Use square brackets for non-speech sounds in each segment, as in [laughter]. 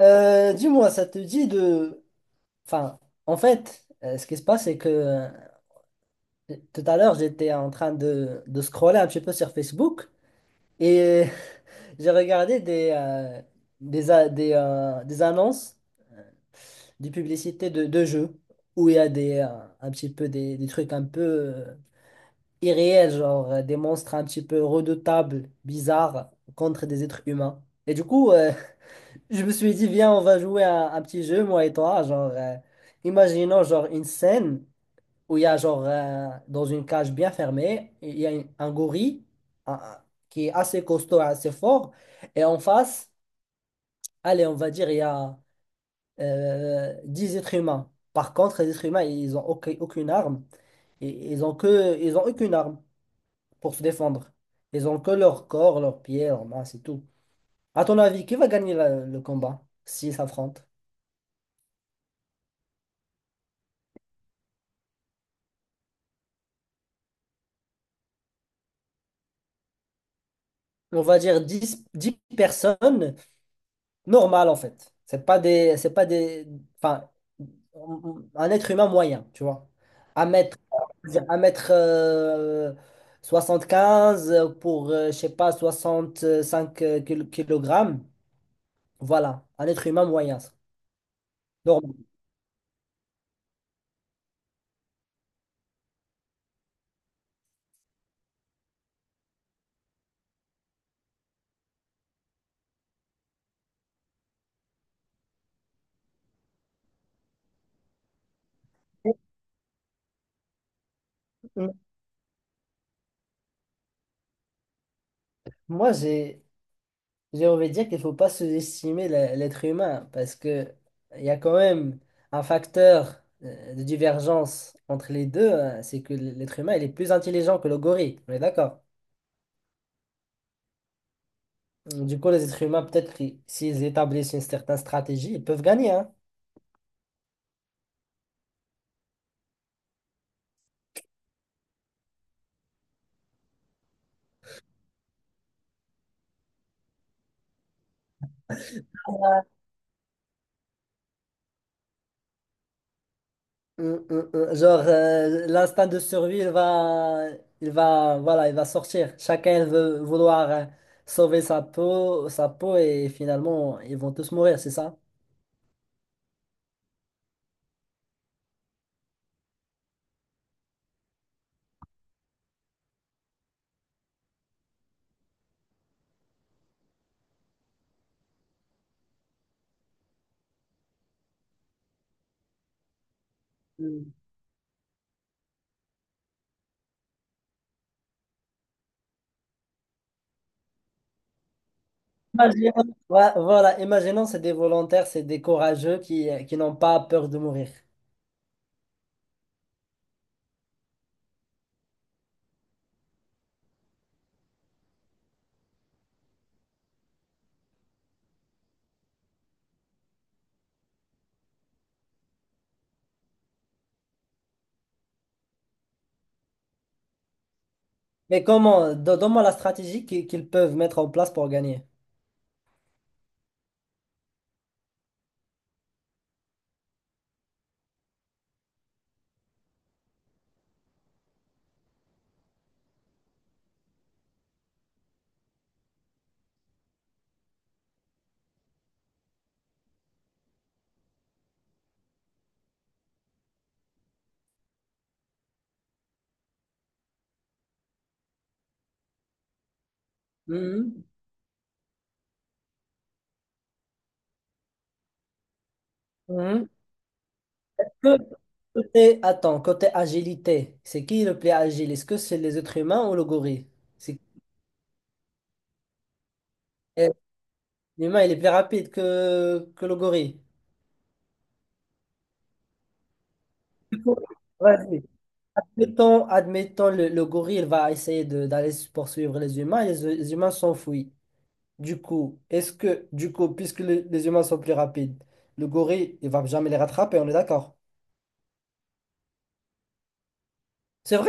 Dis-moi, ça te dit de... Enfin, en fait, ce qui se passe, c'est que tout à l'heure, j'étais en train de scroller un petit peu sur Facebook et [laughs] j'ai regardé des annonces, des publicités de jeux où il y a un petit peu des trucs un peu irréels, genre des monstres un petit peu redoutables, bizarres, contre des êtres humains. Et du coup, je me suis dit, viens, on va jouer à un petit jeu, moi et toi. Genre, imaginons genre une scène où il y a genre dans une cage bien fermée, il y a un gorille un- un- qui est assez costaud, assez fort, et en face, allez, on va dire, il y a 10 êtres humains. Par contre, les êtres humains, ils n'ont aucune arme, et ils ont aucune arme pour se défendre. Ils ont que leur corps, leurs pieds, leurs mains, c'est tout. À ton avis, qui va gagner le combat s'ils s'affrontent? On va dire dix personnes normales en fait. C'est pas des, enfin, un être humain moyen, tu vois. À mettre, à mettre quinze pour, je sais pas, 65 kg. Voilà, un être humain moyen. Normal. Moi, j'ai envie de dire qu'il ne faut pas sous-estimer l'être humain parce que il y a quand même un facteur de divergence entre les deux, hein, c'est que l'être humain il est plus intelligent que le gorille, on est d'accord? Du coup, les êtres humains, peut-être, s'ils établissent une certaine stratégie, ils peuvent gagner, hein. Mm, mm, mm. Genre, l'instinct de survie, il va, voilà, il va sortir. Chacun il veut vouloir sauver sa peau, et finalement, ils vont tous mourir, c'est ça? Mm. Ouais, voilà, imaginons c'est des volontaires, c'est des courageux qui n'ont pas peur de mourir. Mais comment, donne-moi la stratégie qu'ils peuvent mettre en place pour gagner. Mhm. Mhm. Que- attends, côté agilité, c'est qui le plus agile? Est-ce que c'est les êtres humains ou le gorille? C'est- Euh, L'humain, il est plus rapide que le gorille. Du coup, vas-y. Admettons, le gorille, il va essayer d'aller poursuivre les humains et les humains s'enfuient. Du coup, puisque les humains sont plus rapides, le gorille, il va jamais les rattraper, on est d'accord? C'est vrai?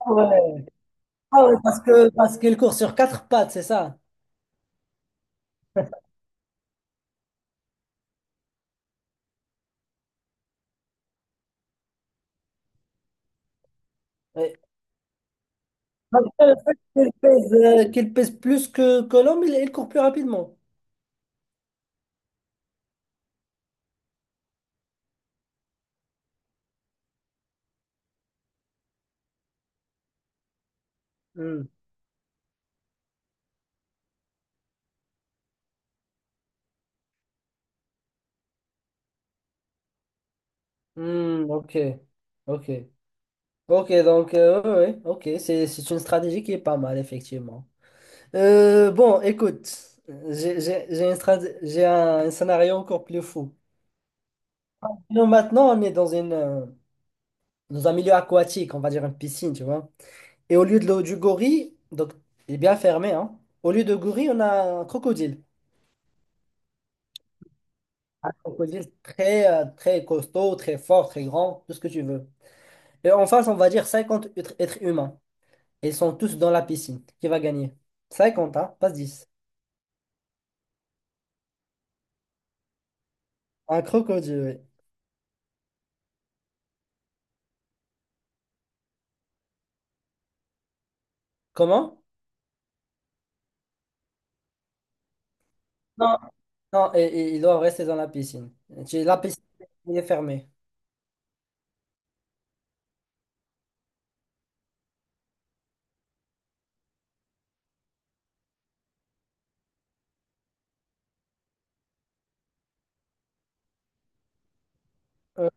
Ah ouais, ah ouais, parce qu'il court sur quatre pattes, c'est ça. Ouais. Malgré le fait qu'il pèse plus que l'homme, il court plus rapidement. Hmm. Hmm, ok, ok, ok, donc, ouais, ouais, ouais. Ok, c'est une stratégie qui est pas mal, effectivement. Bon, écoute, j'ai un scénario encore plus fou. Donc, maintenant, on est dans un milieu aquatique, on va dire une piscine, tu vois. Et au lieu de l'eau du gorille, donc il est bien fermé, hein. Au lieu de gorille, on a un crocodile. Crocodile très costaud, très fort, très grand, tout ce que tu veux. Et en face, on va dire cinquante êtres humains. Et ils sont tous dans la piscine. Qui va gagner? Cinquante, hein, pas dix. Un crocodile, oui. Comment? Non. Non, et ils doivent rester dans la piscine. La piscine, elle est fermée. Euh,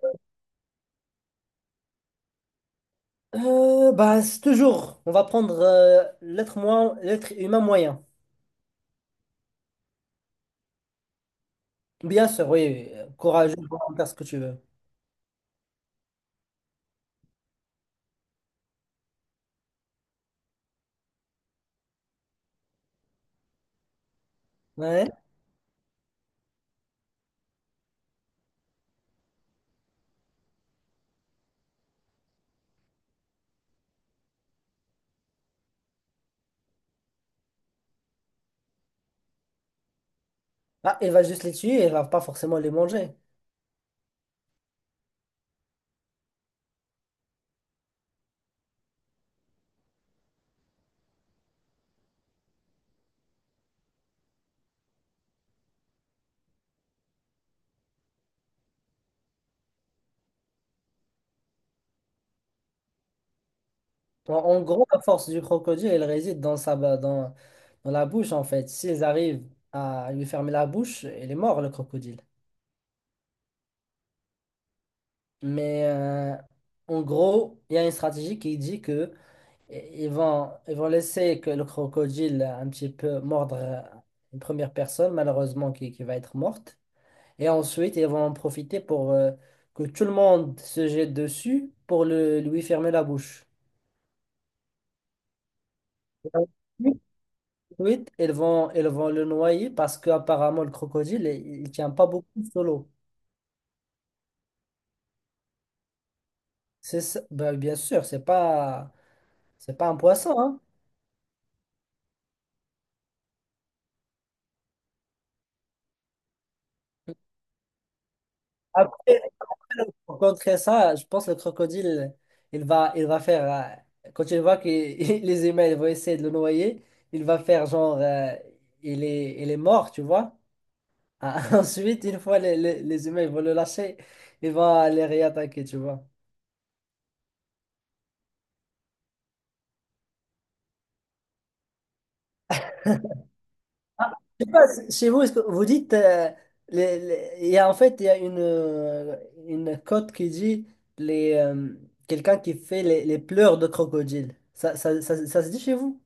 bah, c'est toujours, on va prendre l'être humain moyen. Bien sûr, oui, oui. Courageux pour faire ce que tu veux. Ouais. Ah, il va juste les tuer, il va pas forcément les manger. En gros, la force du crocodile, elle réside dans sa, ba- dans, dans la bouche, en fait. S'ils arrivent à lui fermer la bouche, il est mort, le crocodile. Mais en gros, il y a une stratégie qui dit que ils vont laisser que le crocodile un petit peu mordre une première personne, malheureusement, qui va être morte. Et ensuite, ils vont en profiter pour que tout le monde se jette dessus pour lui fermer la bouche. Ensuite, ils vont le noyer parce qu'apparemment, le crocodile, il tient pas beaucoup sous l'eau. Ben, bien sûr, c'est pas un poisson, hein. Après, pour contrer ça, je pense que le crocodile, il va, il va faire, quand il voit que [laughs] les humains ils vont essayer de le noyer, il va faire genre, il est mort, tu vois. Ah, [laughs] ensuite, une fois les humains ils vont le lâcher, il va les réattaquer, tu vois. Je sais pas, chez vous, est-ce que vous dites, en fait, il y a une cote qui dit les, euh, quelqu'un qui fait les pleurs de crocodile. Ça se dit chez vous?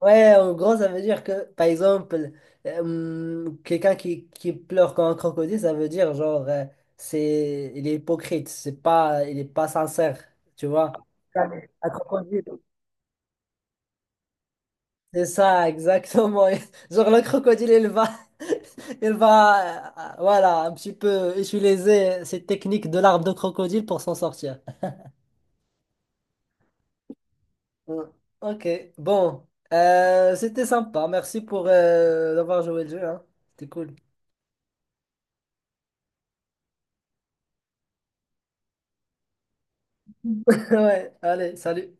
Ouais, en gros, ça veut dire que, par exemple, quelqu'un qui pleure comme un crocodile, ça veut dire, genre, il est hypocrite, c'est pas, il est pas sincère, tu vois. Un crocodile. C'est ça, exactement. [laughs] Genre le crocodile, il va, [laughs] il va, voilà, un petit peu utiliser cette technique de l'arbre de crocodile pour s'en sortir. Mm. Ok, bon, c'était sympa. Merci pour d'avoir joué le jeu, hein. C'était cool. [laughs] Ouais, allez, salut.